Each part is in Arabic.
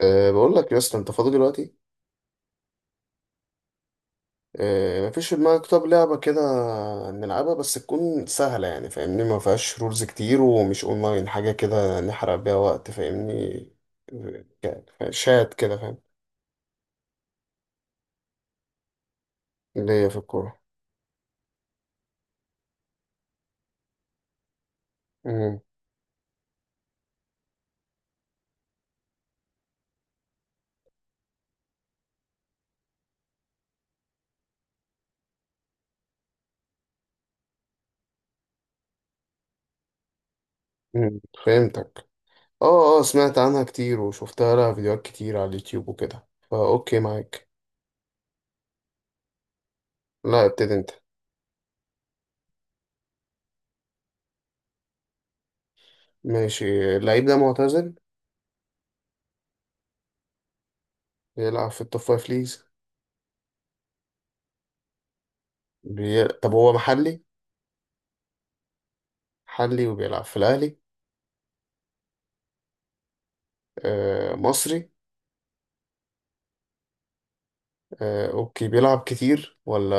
بقول لك يا اسطى انت فاضي دلوقتي. مفيش في دماغك؟ طب لعبة كده نلعبها، بس تكون سهلة يعني، فاهمني؟ ما فيهاش رولز كتير ومش اونلاين، حاجة كده نحرق بيها وقت، فاهمني؟ يعني شات كده، فاهم؟ ليا في الكورة. مم. مم. فهمتك. اه سمعت عنها كتير وشفتها، لها فيديوهات كتير على اليوتيوب وكده، فا اوكي معاك. لا، ابتدي انت. ماشي، اللعيب ده معتزل؟ بيلعب في التوب فايف ليجز؟ طب هو محلي؟ محلي وبيلعب في الاهلي؟ مصري؟ اوكي، بيلعب كتير ولا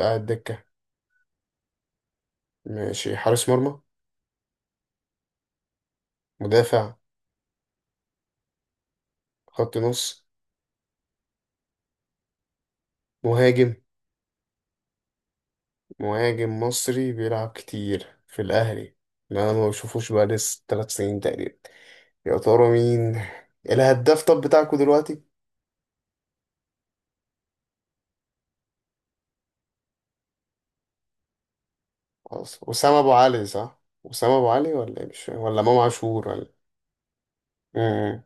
قاعد دكة؟ ماشي. حارس مرمى؟ مدافع؟ خط نص؟ مهاجم. مهاجم مصري بيلعب كتير في الأهلي اللي أنا ما بشوفوش بقى لسه تلات سنين تقريبا. يا ترى مين؟ الهداف طب بتاعكوا دلوقتي؟ خلاص، أسامة أبو علي صح؟ أسامة أبو علي ولا إيه؟ مش فاهم. ولا إمام عاشور، ولا؟ مم.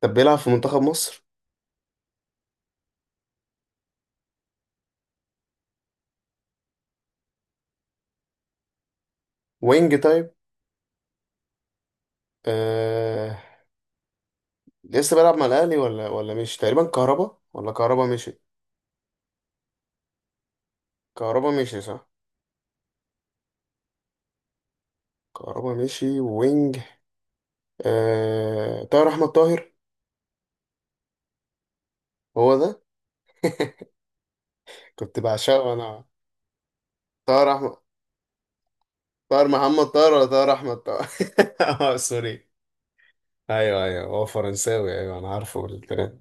طب بيلعب في منتخب مصر؟ وينج طيب؟ آه، لسه بيلعب مع الاهلي ولا مشي تقريبا؟ كهربا؟ ولا كهربا مشي؟ كهربا مشي صح؟ كهربا مشي وينج. طاهر احمد طاهر؟ هو ده. كنت بعشقه انا. طاهر احمد. طاهر محمد طاهر ولا طاهر احمد طاهر؟ اه سوري. ايوه ايوه، هو فرنساوي، ايوه انا عارفه، الترند.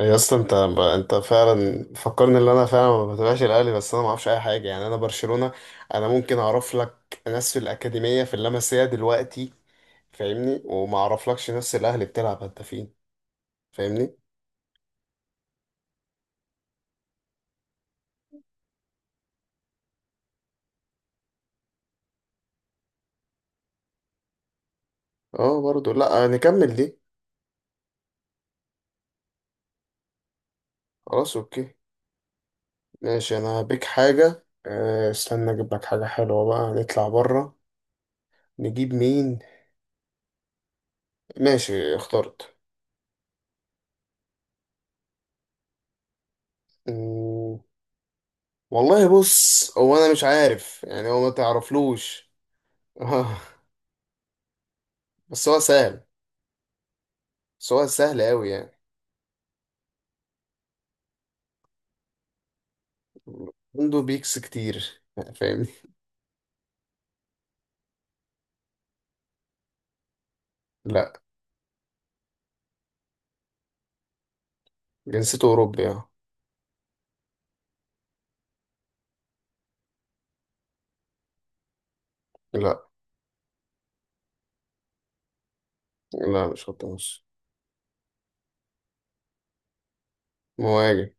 يا اسطى انت، انت فعلا فكرني ان انا فعلا ما بتابعش الاهلي، بس انا ما اعرفش اي حاجه يعني، انا برشلونه. انا ممكن اعرف لك ناس في الاكاديميه، في اللمسيه دلوقتي، فاهمني؟ وما اعرفلكش ناس الاهلي بتلعب هدافين، فاهمني؟ اه برضو لا، نكمل دي. خلاص اوكي. ماشي، انا هبيك حاجه استنى اجيب لك حاجه حلوه بقى، نطلع بره. نجيب مين؟ ماشي اخترت. مم، والله بص، هو انا مش عارف يعني، هو ما تعرفلوش. بس هو سهل. بس هو سهل أوي يعني. عنده بيكس كتير، فاهمني؟ لا. جنسيته أوروبي، اه. لا. لا مش خط نص. مهاجم.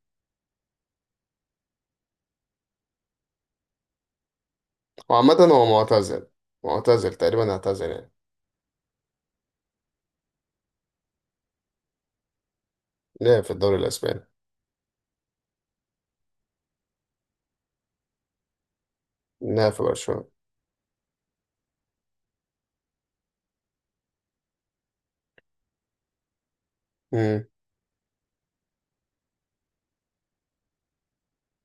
وعامة هو معتزل. معتزل تقريبا، اعتزل يعني. لعب في الدوري الأسباني. لعب في برشلونة. امم.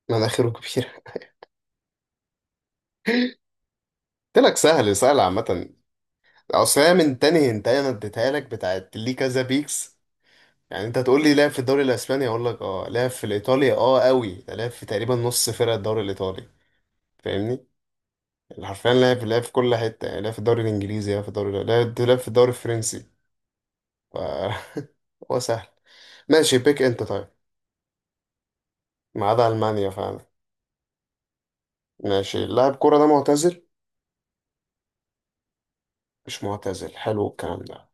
مناخيره كبيرة. قلت لك سهل، سهل عامة. أصل هي من تاني هنتاية أنا اديتها لك، بتاعت ليه كذا بيكس. يعني أنت تقول لي لعب في الدوري الأسباني، أقول لك اه لعب في الإيطالي، اه أوي ده لعب في تقريبا نص فرق الدوري الإيطالي، فاهمني؟ حرفيا لعب في كل حتة، يعني لعب في الدوري الإنجليزي، لعب في الدوري، لعب في الدوري الفرنسي. ف هو سهل. ماشي، بيك أنت طيب. ما عدا ألمانيا فعلا. ماشي. لاعب كورة ده معتزل؟ مش معتزل، حلو الكلام ده.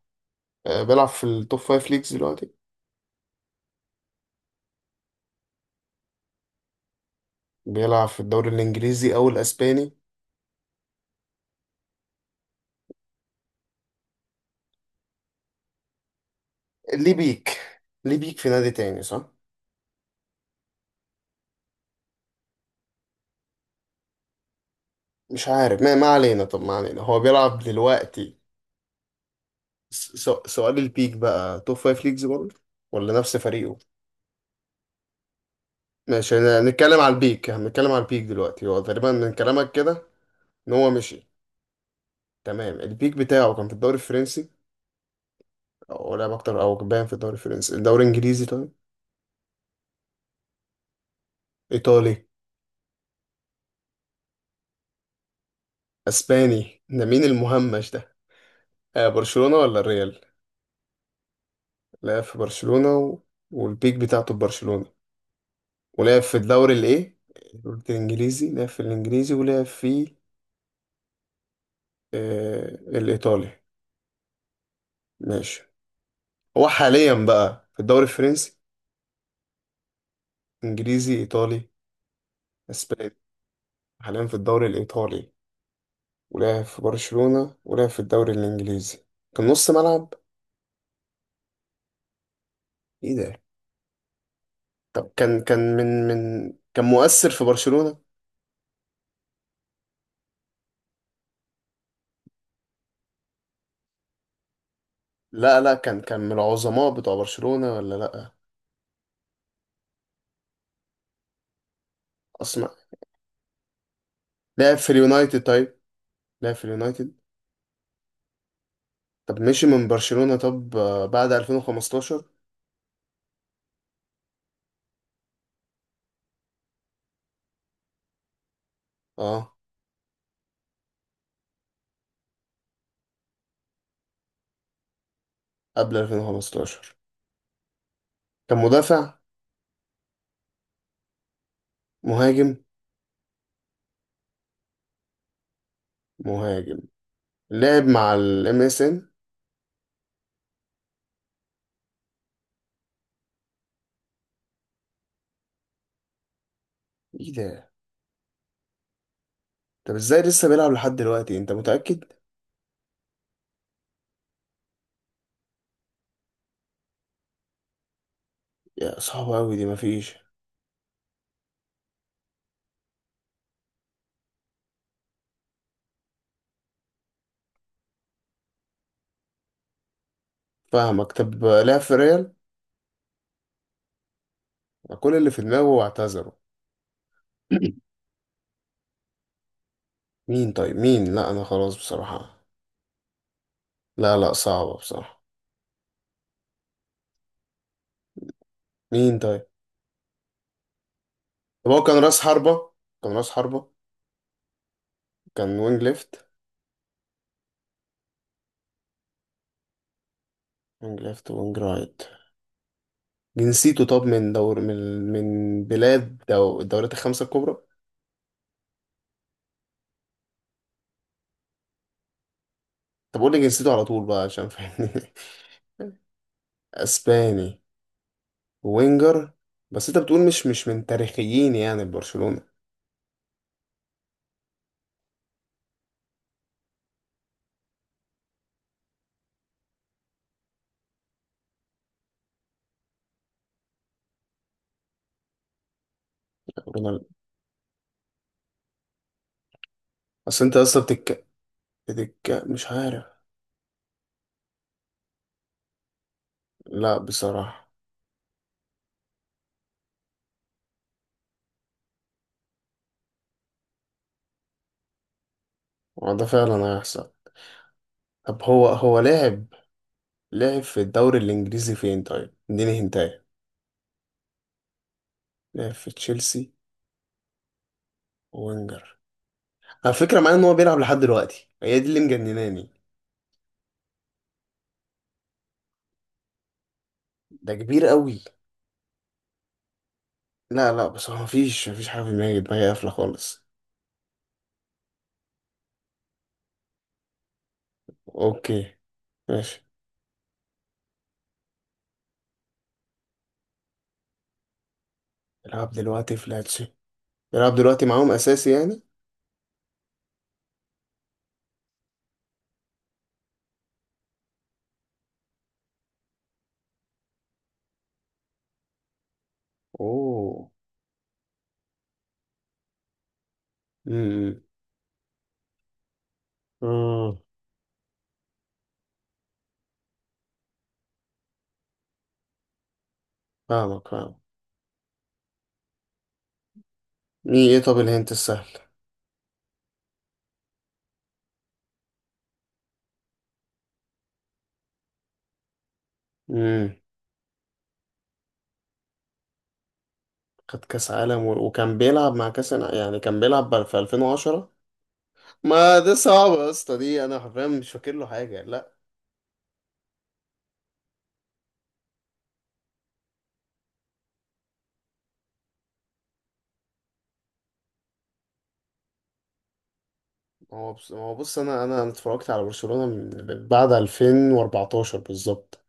بيلعب في التوب فايف ليجز دلوقتي؟ بيلعب في الدوري الإنجليزي أو الأسباني؟ ليه بيك؟ ليه بيك في نادي تاني صح؟ مش عارف ما علينا، طب ما علينا، هو بيلعب دلوقتي. سؤال البيك بقى توب فايف ليجز برضه ولا نفس فريقه؟ ماشي، نتكلم على البيك. هنتكلم على البيك دلوقتي، هو تقريبا من كلامك كده ان هو مشي. تمام، البيك بتاعه كان في الدوري الفرنسي؟ او لعب اكتر او كان باين في الدوري الفرنسي؟ الدوري الانجليزي طيب؟ ايطالي؟ اسباني ده، مين المهمش ده؟ آه، برشلونة ولا الريال؟ لعب في برشلونة و... والبيك بتاعته في برشلونة. ولعب في الدوري الايه؟ قلت الانجليزي، لعب في الانجليزي ولعب في، آه الايطالي. ماشي. هو حاليا بقى في الدوري الفرنسي؟ انجليزي؟ ايطالي؟ اسباني؟ حاليا في الدوري الإيطالي، ولعب في برشلونة، ولعب في الدوري الإنجليزي. كان نص ملعب؟ إيه ده! طب كان كان من من كان مؤثر في برشلونة؟ لا كان من العظماء بتوع برشلونة ولا لا؟ أسمع، لعب في اليونايتد طيب؟ لعب في اليونايتد. طب مشي من برشلونة طب بعد 2015؟ اه قبل 2015. كان مدافع؟ مهاجم. مهاجم، لعب مع الام اس ان؟ ايه ده! طب ازاي لسه بيلعب لحد دلوقتي، انت متأكد؟ يا صعبة أوي دي، مفيش. فاهمك. طب لعب في ريال؟ كل اللي في دماغه واعتذروا. مين طيب؟ مين؟ لا أنا خلاص بصراحة. لا لا صعبة بصراحة. مين طيب؟ طب هو كان راس حربة؟ كان راس حربة؟ كان وينج ليفت؟ وينج ليفت وينج رايت. جنسيته طب من دور، من بلاد دو الدوريات الخمسة الكبرى؟ طب قول لي جنسيته على طول بقى، عشان فاهمني. اسباني. وينجر. بس انت بتقول مش من تاريخيين يعني برشلونة. رونالدو. اصل انت اصلا الدكة مش عارف. لا بصراحة. هو ده فعلا هيحصل. طب هو لعب، لعب في الدوري الإنجليزي فين طيب؟ اديني هنتاية. لعب في تشيلسي. وينجر. على فكرة معايا إن هو بيلعب لحد دلوقتي، هي دي اللي مجنناني. ده كبير قوي. لا لا، بس هو مفيش، مفيش حاجة في دماغي، دماغي قافلة خالص. أوكي. ماشي. بيلعب دلوقتي في لاتسيو. بيلعب دلوقتي معاهم أساسي يعني؟ أوه. امم. امم. فاهمك فاهمك. مين إيه طب الهنت السهل؟ مم. خد كاس عالم وكان بيلعب مع يعني كان بيلعب في 2010؟ ما ده صعب يا اسطى، دي انا حرفيا مش فاكر له حاجه، لا. ما هو بص، ما هو بص، انا أنا اتفرجت على برشلونه من بعد 2014 بالظبط،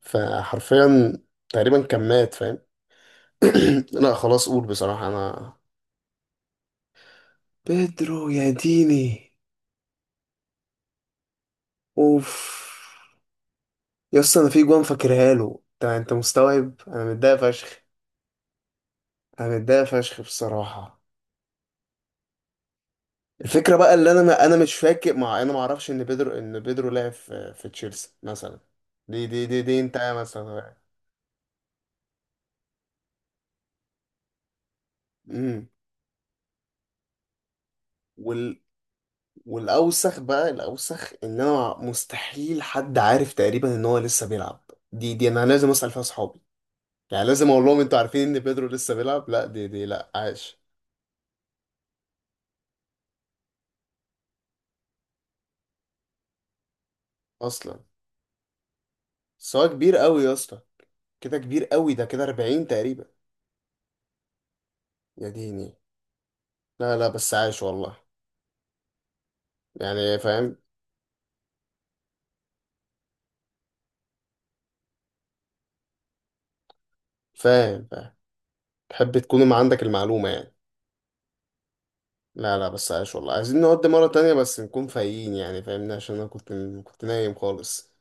فحرفيا تقريبا كان مات، فاهم؟ لا خلاص، قول بصراحه انا. بيدرو! يا ديني! اوف. يا اسطى انا في جوان فاكرها له، انت انت مستوعب انا متضايق فشخ. انا متضايق فشخ بصراحه. الفكره بقى اللي انا، ما انا مش فاكر مع، انا ما اعرفش ان بيدرو، ان بيدرو لعب في في تشيلسي مثلا. دي انت مثلا. امم. وال، والاوسخ بقى، الاوسخ ان انا مستحيل، حد عارف تقريبا ان هو لسه بيلعب، دي انا لازم اسال فيها اصحابي. يعني لازم اقول لهم انتوا عارفين ان بيدرو لسه بيلعب؟ لا دي دي، لا عاش! اصلا. بس هو كبير قوي يا اسطى. كده كبير قوي، ده كده 40 تقريبا. يا ديني. لا لا بس عاش والله. يعني فاهم. فاهم فاهم. تحب تكون ما عندك المعلومة يعني. لا لا بس عايش والله. عايزين نقعد مرة تانية بس نكون فايقين، يعني فاهمني، عشان أنا كنت، كنت نايم خالص.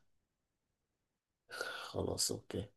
خلاص أوكي.